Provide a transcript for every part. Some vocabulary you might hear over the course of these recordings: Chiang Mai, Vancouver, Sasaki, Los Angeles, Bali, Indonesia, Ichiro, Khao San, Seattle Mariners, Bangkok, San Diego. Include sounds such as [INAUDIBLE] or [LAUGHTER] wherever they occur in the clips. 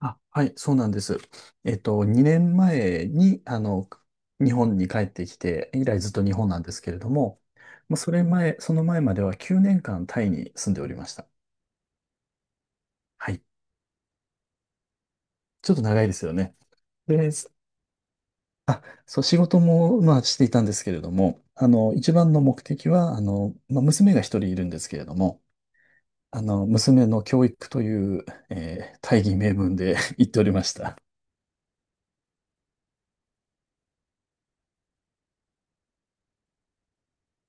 あ、はい、そうなんです。2年前に、日本に帰ってきて、以来ずっと日本なんですけれども、まあ、その前までは9年間タイに住んでおりました。はい。ちょっと長いですよね。で、すあ、そう、仕事も、まあ、していたんですけれども、一番の目的は、まあ、娘が一人いるんですけれども、娘の教育という、大義名分で [LAUGHS] 言っておりました。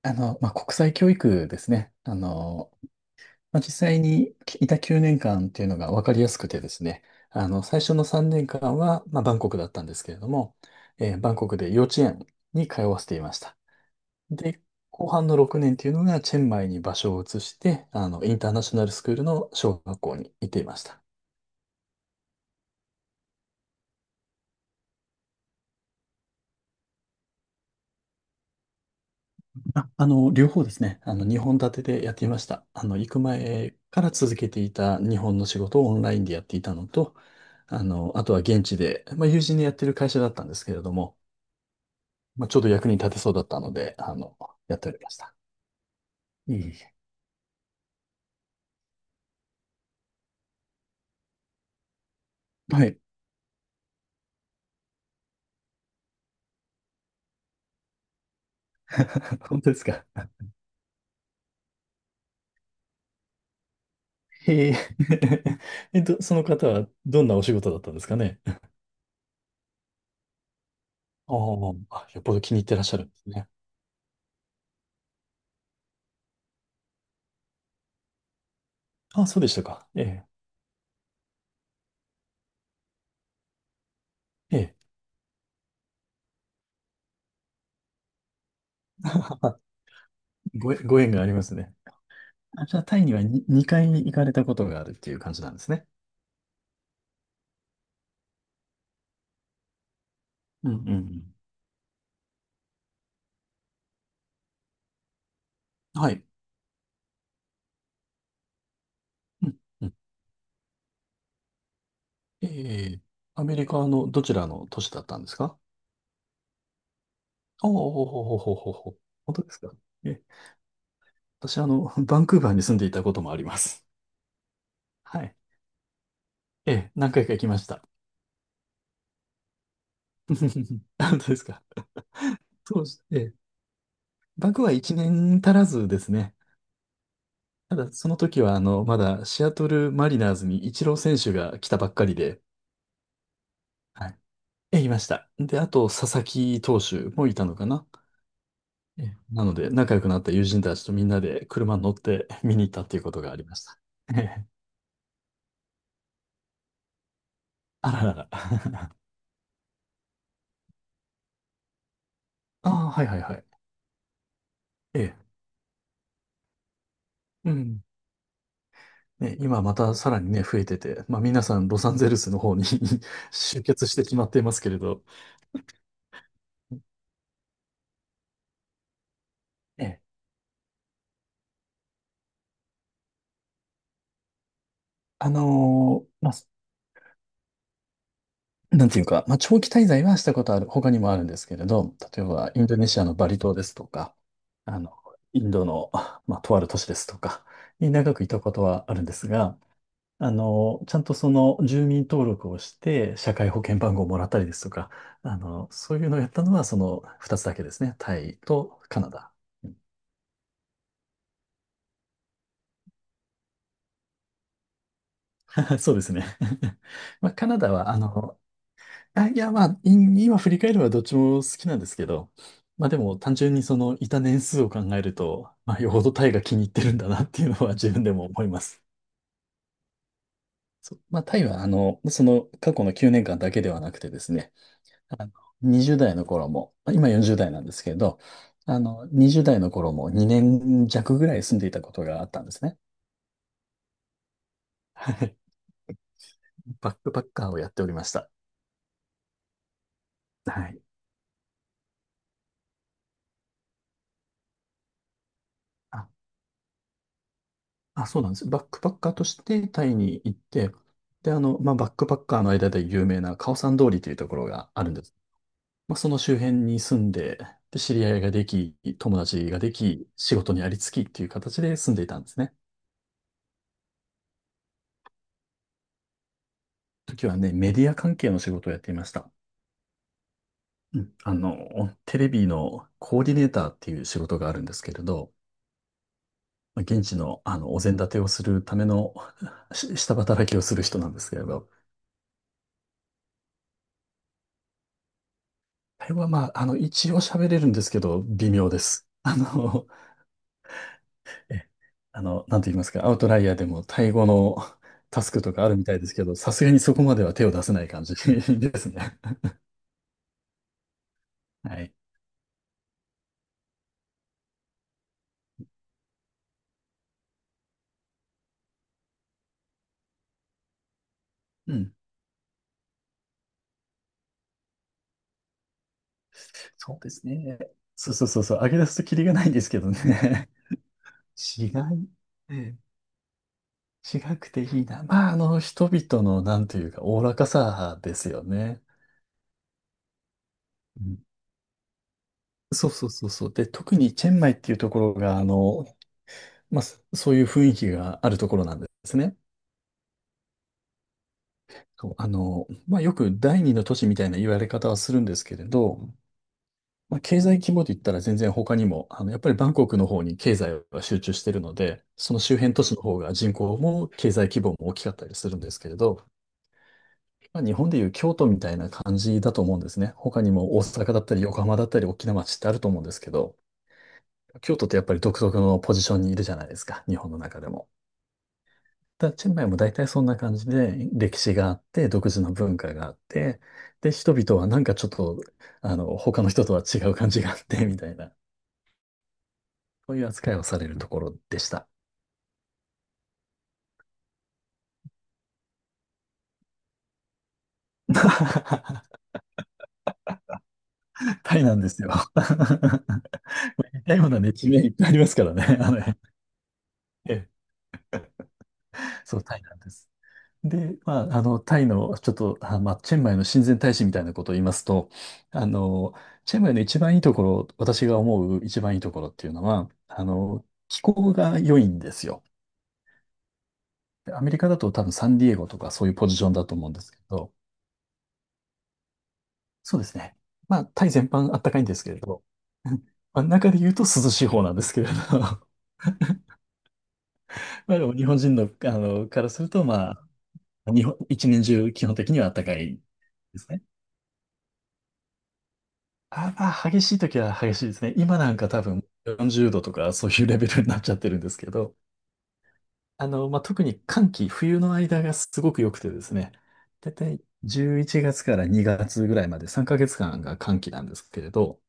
まあ、国際教育ですね。まあ、実際にいた9年間っていうのが分かりやすくてですね、最初の3年間は、まあ、バンコクだったんですけれども、バンコクで幼稚園に通わせていました。で、後半の6年っていうのが、チェンマイに場所を移して、インターナショナルスクールの小学校に行っていました。あ、両方ですね、2本立てでやっていました。行く前から続けていた日本の仕事をオンラインでやっていたのと、あとは現地で、まあ、友人でやってる会社だったんですけれども、まあ、ちょうど役に立てそうだったので、やっておりました。いえいえ。はい。[LAUGHS] 本当ですか？へえ。[LAUGHS] その方はどんなお仕事だったんですかね？あーあ、よっぽど気に入ってらっしゃるんですね。あ、そうでしたか。ええ。ええ。[LAUGHS] あご縁がありますね。あ、じゃあ、タイには2回行かれたことがあるっていう感じなんですね。うんうんうん。はい。うんうん。ええ。アメリカのどちらの都市だったんですか？おおほほほほほほ。本当ですか？え私、あの、[LAUGHS] バンクーバーに住んでいたこともあります。はい。ええ、何回か行きました。[LAUGHS] あ、本当ですか？そうです。ええ、バンクーバー1年足らずですね。ただ、その時は、まだシアトルマリナーズにイチロー選手が来たばっかりで、はい。ええ、いました。で、あと、佐々木投手もいたのかな。ええ、なので、仲良くなった友人たちとみんなで車に乗って見に行ったっていうことがありました。ええ、あららら。[LAUGHS] ああ、はいはいはい。ええ。うん。ね、今またさらにね、増えてて、まあ皆さんロサンゼルスの方に [LAUGHS] 集結してしまっていますけれど、ね、まあ、なんていうか、まあ長期滞在はしたことある、他にもあるんですけれど、例えばインドネシアのバリ島ですとか、あの、インドの、まあ、とある都市ですとか、に長くいたことはあるんですが、ちゃんとその住民登録をして、社会保険番号をもらったりですとか、そういうのをやったのはその2つだけですね、タイとカナダ。[LAUGHS] そうですね。[LAUGHS] まあ、カナダは、あ、いや、まあ、今振り返ればどっちも好きなんですけど、まあでも単純にそのいた年数を考えると、まあよほどタイが気に入ってるんだなっていうのは自分でも思います。[LAUGHS] そうまあタイは、その過去の9年間だけではなくてですね、あの、20代の頃も、まあ今40代なんですけど、20代の頃も2年弱ぐらい住んでいたことがあったんですね。はい。バックパッカーをやっておりました。はい。あ、そうなんです。バックパッカーとしてタイに行って、で、まあ、バックパッカーの間で有名なカオサン通りというところがあるんです。まあ、その周辺に住んで、で、知り合いができ、友達ができ、仕事にありつきっていう形で住んでいたんですね。時はね、メディア関係の仕事をやっていました。うん、テレビのコーディネーターっていう仕事があるんですけれど、まあ現地の、あのお膳立てをするための下働きをする人なんですけれど、あれはまあ、一応喋れるんですけど、微妙です。[LAUGHS] え、あの、なんて言いますか、アウトライヤーでもタイ語のタスクとかあるみたいですけど、さすがにそこまでは手を出せない感じ [LAUGHS] ですね。[LAUGHS] はい。うん。そうですね。そうそうそうそう、上げ出すとキリがないんですけどね。[LAUGHS] 違い、ええ、違くていいな。まあ、人々の、なんというか、おおらかさですよね。うん、そうそうそうそう。で、特にチェンマイっていうところが、まあ、そういう雰囲気があるところなんですね。そう、まあ、よく第二の都市みたいな言われ方はするんですけれど、まあ、経済規模で言ったら全然他にも、やっぱりバンコクの方に経済は集中してるので、その周辺都市の方が人口も経済規模も大きかったりするんですけれど、まあ、日本でいう京都みたいな感じだと思うんですね。他にも大阪だったり横浜だったり大きな街ってあると思うんですけど、京都ってやっぱり独特のポジションにいるじゃないですか、日本の中でも。だチェンマイも大体そんな感じで、歴史があって、独自の文化があって、で、人々はなんかちょっと、他の人とは違う感じがあって、みたいな、そういう扱いをされるところでした。タイなんですよ。[LAUGHS] 似たようなね、地名いっぱいありますからね、ええ、そう、タイなんです。で、まあ、タイの、ちょっと、あ、まあ、チェンマイの親善大使みたいなことを言いますと、あの、チェンマイの一番いいところ、私が思う一番いいところっていうのは、気候が良いんですよ。でアメリカだと多分サンディエゴとかそういうポジションだと思うんですけど、そうですね。まあ、タイ全般あったかいんですけれど、[LAUGHS] まあ、中で言うと涼しい方なんですけれど、[LAUGHS] まあでも日本人の、からすると、まあ、日本、一年中基本的にはあったかいですね。あ、まあ、激しい時は激しいですね。今なんか多分40度とかそういうレベルになっちゃってるんですけど、まあ、特に寒気、冬の間がすごく良くてですね、だいたい11月から2月ぐらいまで3ヶ月間が寒気なんですけれど、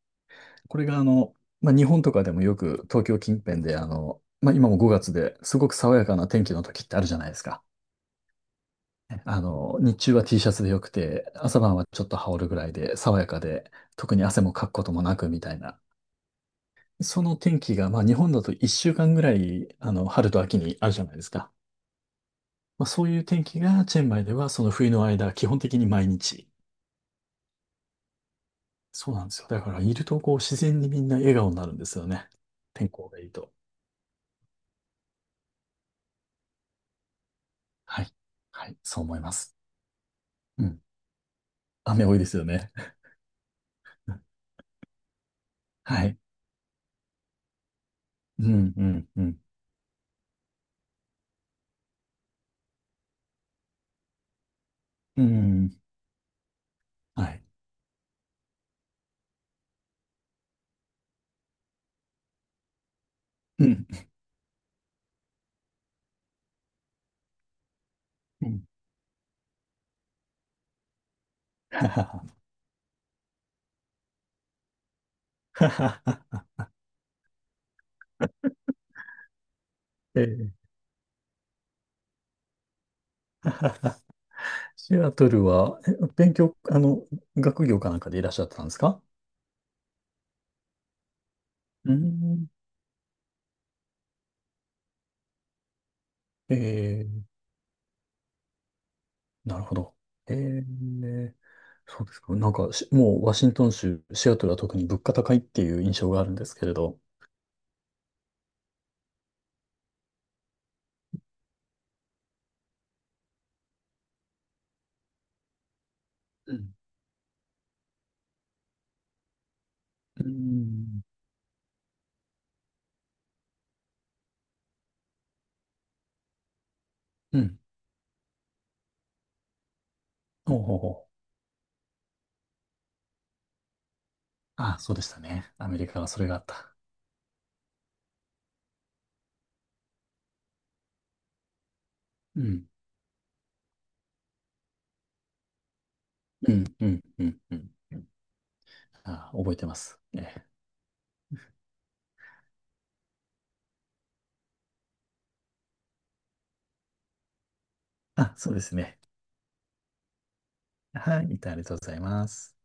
これがまあ、日本とかでもよく東京近辺でまあ、今も5月ですごく爽やかな天気の時ってあるじゃないですか。日中は T シャツでよくて、朝晩はちょっと羽織るぐらいで爽やかで、特に汗もかくこともなくみたいな。その天気が、まあ、日本だと1週間ぐらい、春と秋にあるじゃないですか。まあ、そういう天気がチェンマイではその冬の間、基本的に毎日。そうなんですよ。だから、いるとこう自然にみんな笑顔になるんですよね。天候がいいと。はい。はい、そう思います。うん、雨多いですよね。[LAUGHS] はい。うん、うん、うん。うん、はい。うん。うん [LAUGHS] えーシアトルは、勉強、学業かなんかでいらっしゃってたんですか？うーん。えー、なるほど。えー、そうですか。なんかもうワシントン州、シアトルは特に物価高いっていう印象があるんですけれど。うん。うーん。うん。ほうほうほう。ああ、そうでしたね。アメリカはそれがあった。うん。うん、うん、うん、うん。あ、覚えてます。ええ、あ、そうですね。はい、ありがとうございます。